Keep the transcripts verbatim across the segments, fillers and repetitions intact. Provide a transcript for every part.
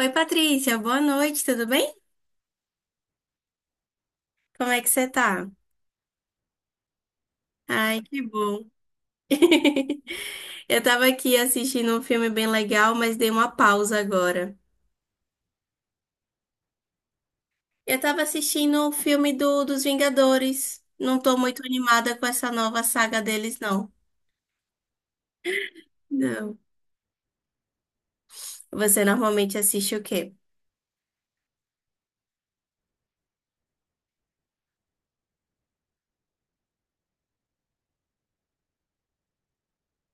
Oi, Patrícia, boa noite, tudo bem? Como é que você tá? Ai, que bom. Eu tava aqui assistindo um filme bem legal, mas dei uma pausa agora. Eu tava assistindo o filme do, dos Vingadores. Não tô muito animada com essa nova saga deles, não. Não. Você normalmente assiste o quê?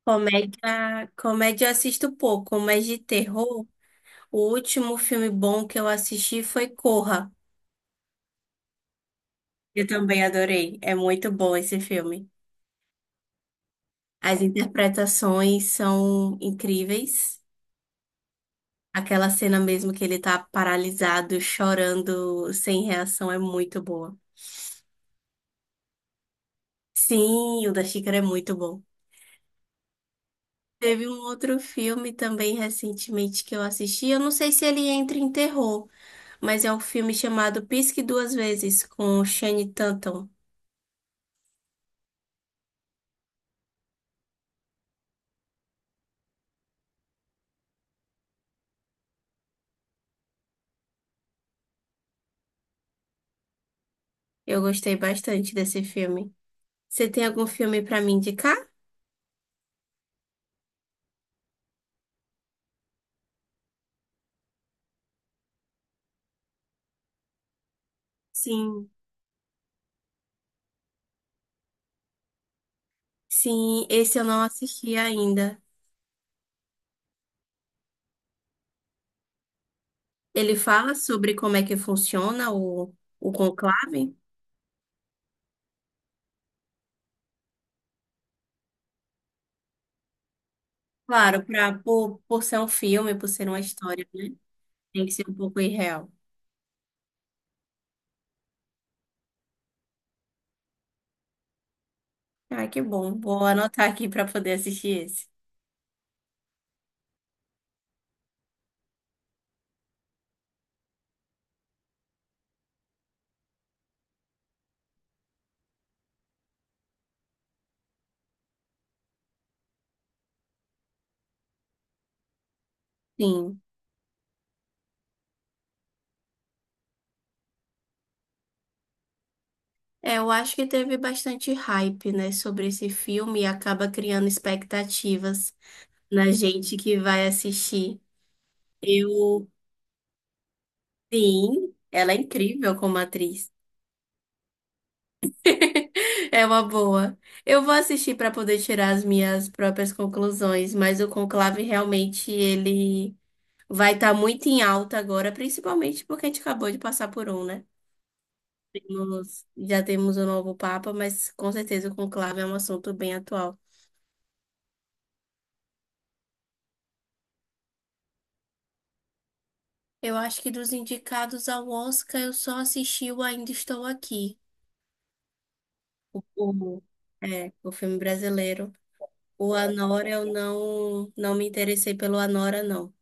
Comédia, comédia eu assisto pouco, mas de terror, o último filme bom que eu assisti foi Corra. Eu também adorei. É muito bom esse filme. As interpretações são incríveis. Aquela cena mesmo que ele tá paralisado, chorando, sem reação, é muito boa. Sim, o da Xícara é muito bom. Teve um outro filme também recentemente que eu assisti. Eu não sei se ele entra em terror, mas é um filme chamado Pisque Duas Vezes, com Channing Tatum. Eu gostei bastante desse filme. Você tem algum filme pra me indicar? Sim. Sim, esse eu não assisti ainda. Ele fala sobre como é que funciona o, o conclave? Claro, pra, por, por ser um filme, por ser uma história, né? Tem que ser um pouco irreal. Ah, que bom. Vou anotar aqui para poder assistir esse. Sim. É, eu acho que teve bastante hype, né, sobre esse filme e acaba criando expectativas na gente que vai assistir. Eu, sim, ela é incrível como atriz. É uma boa. Eu vou assistir para poder tirar as minhas próprias conclusões, mas o Conclave realmente ele vai estar muito em alta agora, principalmente porque a gente acabou de passar por um, né? Temos- já temos o novo Papa, mas com certeza o Conclave é um assunto bem atual. Eu acho que dos indicados ao Oscar, eu só assisti o Ainda Estou Aqui, o, o- é, o filme brasileiro. O Anora, eu não, não me interessei pelo Anora, não.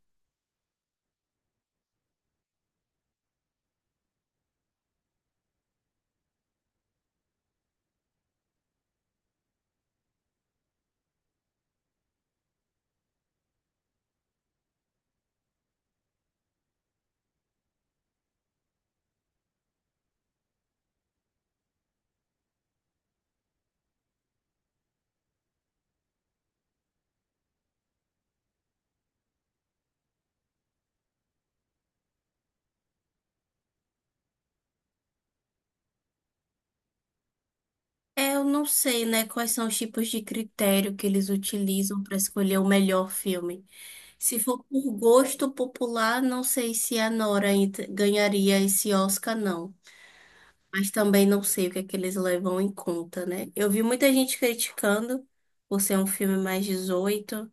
É, eu não sei, né, quais são os tipos de critério que eles utilizam para escolher o melhor filme. Se for por gosto popular, não sei se a Nora ent- ganharia esse Oscar, não. Mas também não sei o que é que eles levam em conta, né? Eu vi muita gente criticando por ser um filme mais dezoito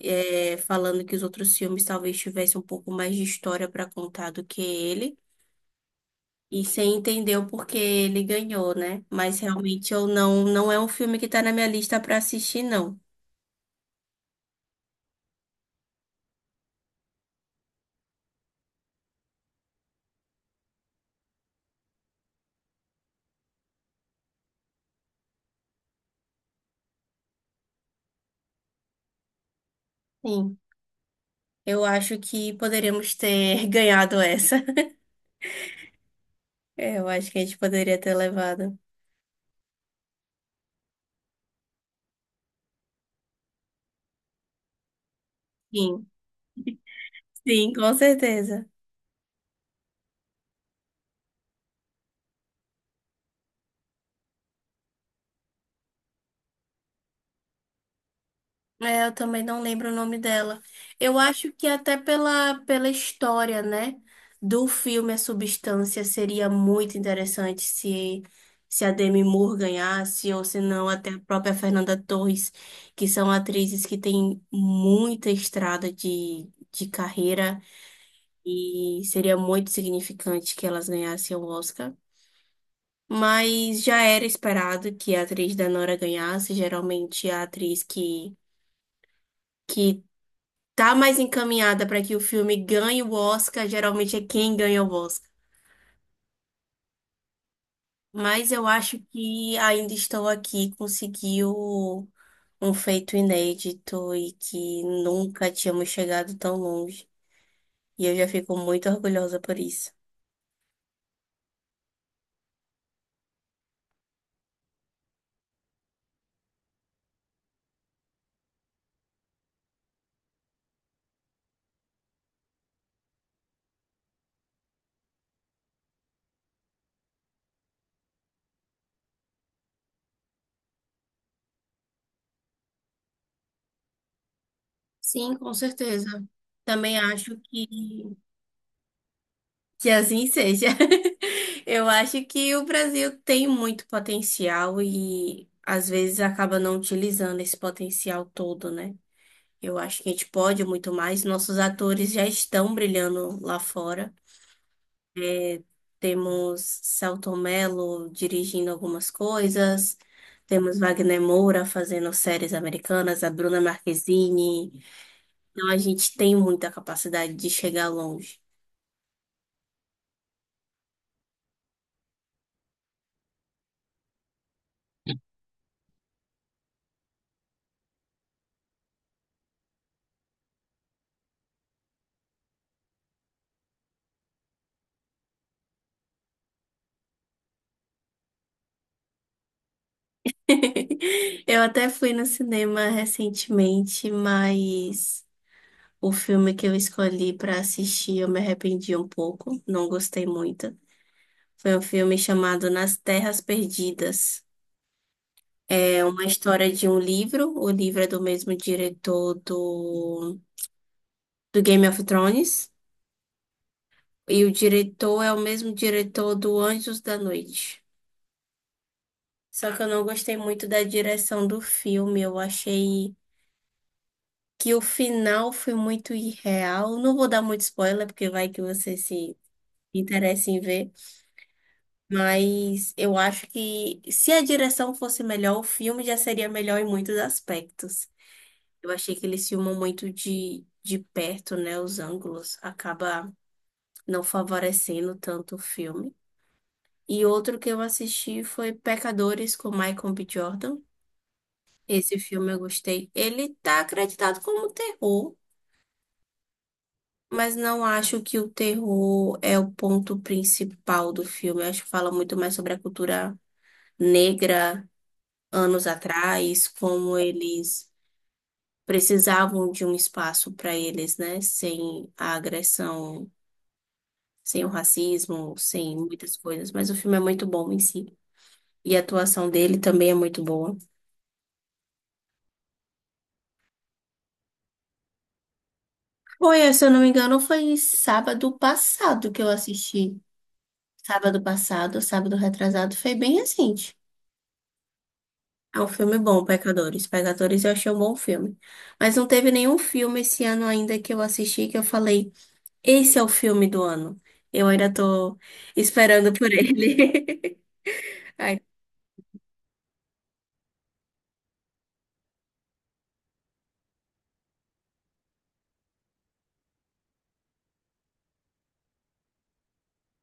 é, falando que os outros filmes talvez tivessem um pouco mais de história para contar do que ele. E você entendeu porque ele ganhou, né? Mas realmente eu não, não é um filme que tá na minha lista pra assistir, não. Sim, eu acho que poderíamos ter ganhado essa. É, eu acho que a gente poderia ter levado. Sim, sim, com certeza. É, eu também não lembro o nome dela. Eu acho que até pela, pela história, né, do filme A Substância seria muito interessante se se a Demi Moore ganhasse ou se não até a própria Fernanda Torres, que são atrizes que têm muita estrada de, de carreira e seria muito significante que elas ganhassem o Oscar. Mas já era esperado que a atriz da Nora ganhasse, geralmente a atriz que que tá mais encaminhada para que o filme ganhe o Oscar, geralmente é quem ganha o Oscar. Mas eu acho que Ainda Estou Aqui conseguiu um feito inédito e que nunca tínhamos chegado tão longe. E eu já fico muito orgulhosa por isso. Sim, com certeza. Também acho que, que assim seja. Eu acho que o Brasil tem muito potencial e às vezes acaba não utilizando esse potencial todo, né? Eu acho que a gente pode muito mais. Nossos atores já estão brilhando lá fora. Temos Selton Mello dirigindo algumas coisas. Temos Wagner Moura fazendo séries americanas, a Bruna Marquezine. Então a gente tem muita capacidade de chegar longe. Eu até fui no cinema recentemente, mas o filme que eu escolhi para assistir eu me arrependi um pouco, não gostei muito. Foi um filme chamado Nas Terras Perdidas. É uma história de um livro. O livro é do mesmo diretor do, do Game of Thrones. E o diretor é o mesmo diretor do Anjos da Noite. Só que eu não gostei muito da direção do filme. Eu achei que o final foi muito irreal. Não vou dar muito spoiler, porque vai que você se interessa em ver. Mas eu acho que se a direção fosse melhor, o filme já seria melhor em muitos aspectos. Eu achei que eles filmam muito de, de perto, né? Os ângulos acaba não favorecendo tanto o filme. E outro que eu assisti foi Pecadores com Michael B. Jordan. Esse filme eu gostei. Ele tá acreditado como terror, mas não acho que o terror é o ponto principal do filme. Eu acho que fala muito mais sobre a cultura negra anos atrás, como eles precisavam de um espaço para eles, né? Sem a agressão sem o racismo, sem muitas coisas, mas o filme é muito bom em si. E a atuação dele também é muito boa. Foi, se eu não me engano, foi sábado passado que eu assisti. Sábado passado, sábado retrasado, foi bem recente. É um filme bom, Pecadores. Pecadores eu achei um bom filme. Mas não teve nenhum filme esse ano ainda que eu assisti que eu falei, esse é o filme do ano. Eu ainda tô esperando por ele. Ai,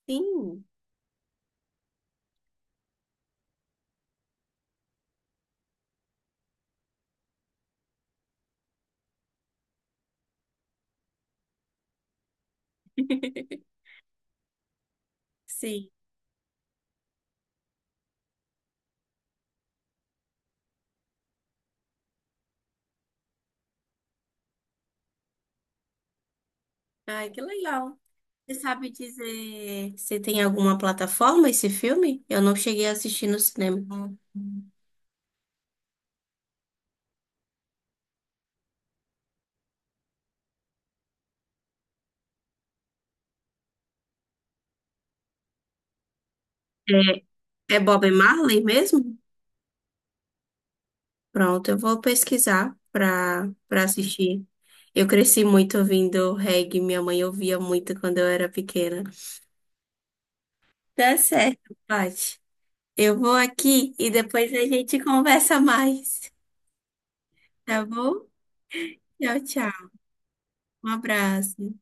sim, sim. Ai, que legal. Você sabe dizer se tem alguma plataforma esse filme? Eu não cheguei a assistir no cinema. É, é Bob Marley mesmo? Pronto, eu vou pesquisar pra, pra assistir. Eu cresci muito ouvindo reggae, minha mãe ouvia muito quando eu era pequena. Tá certo, Paty. Eu vou aqui e depois a gente conversa mais, tá bom? Tchau, tchau. Um abraço.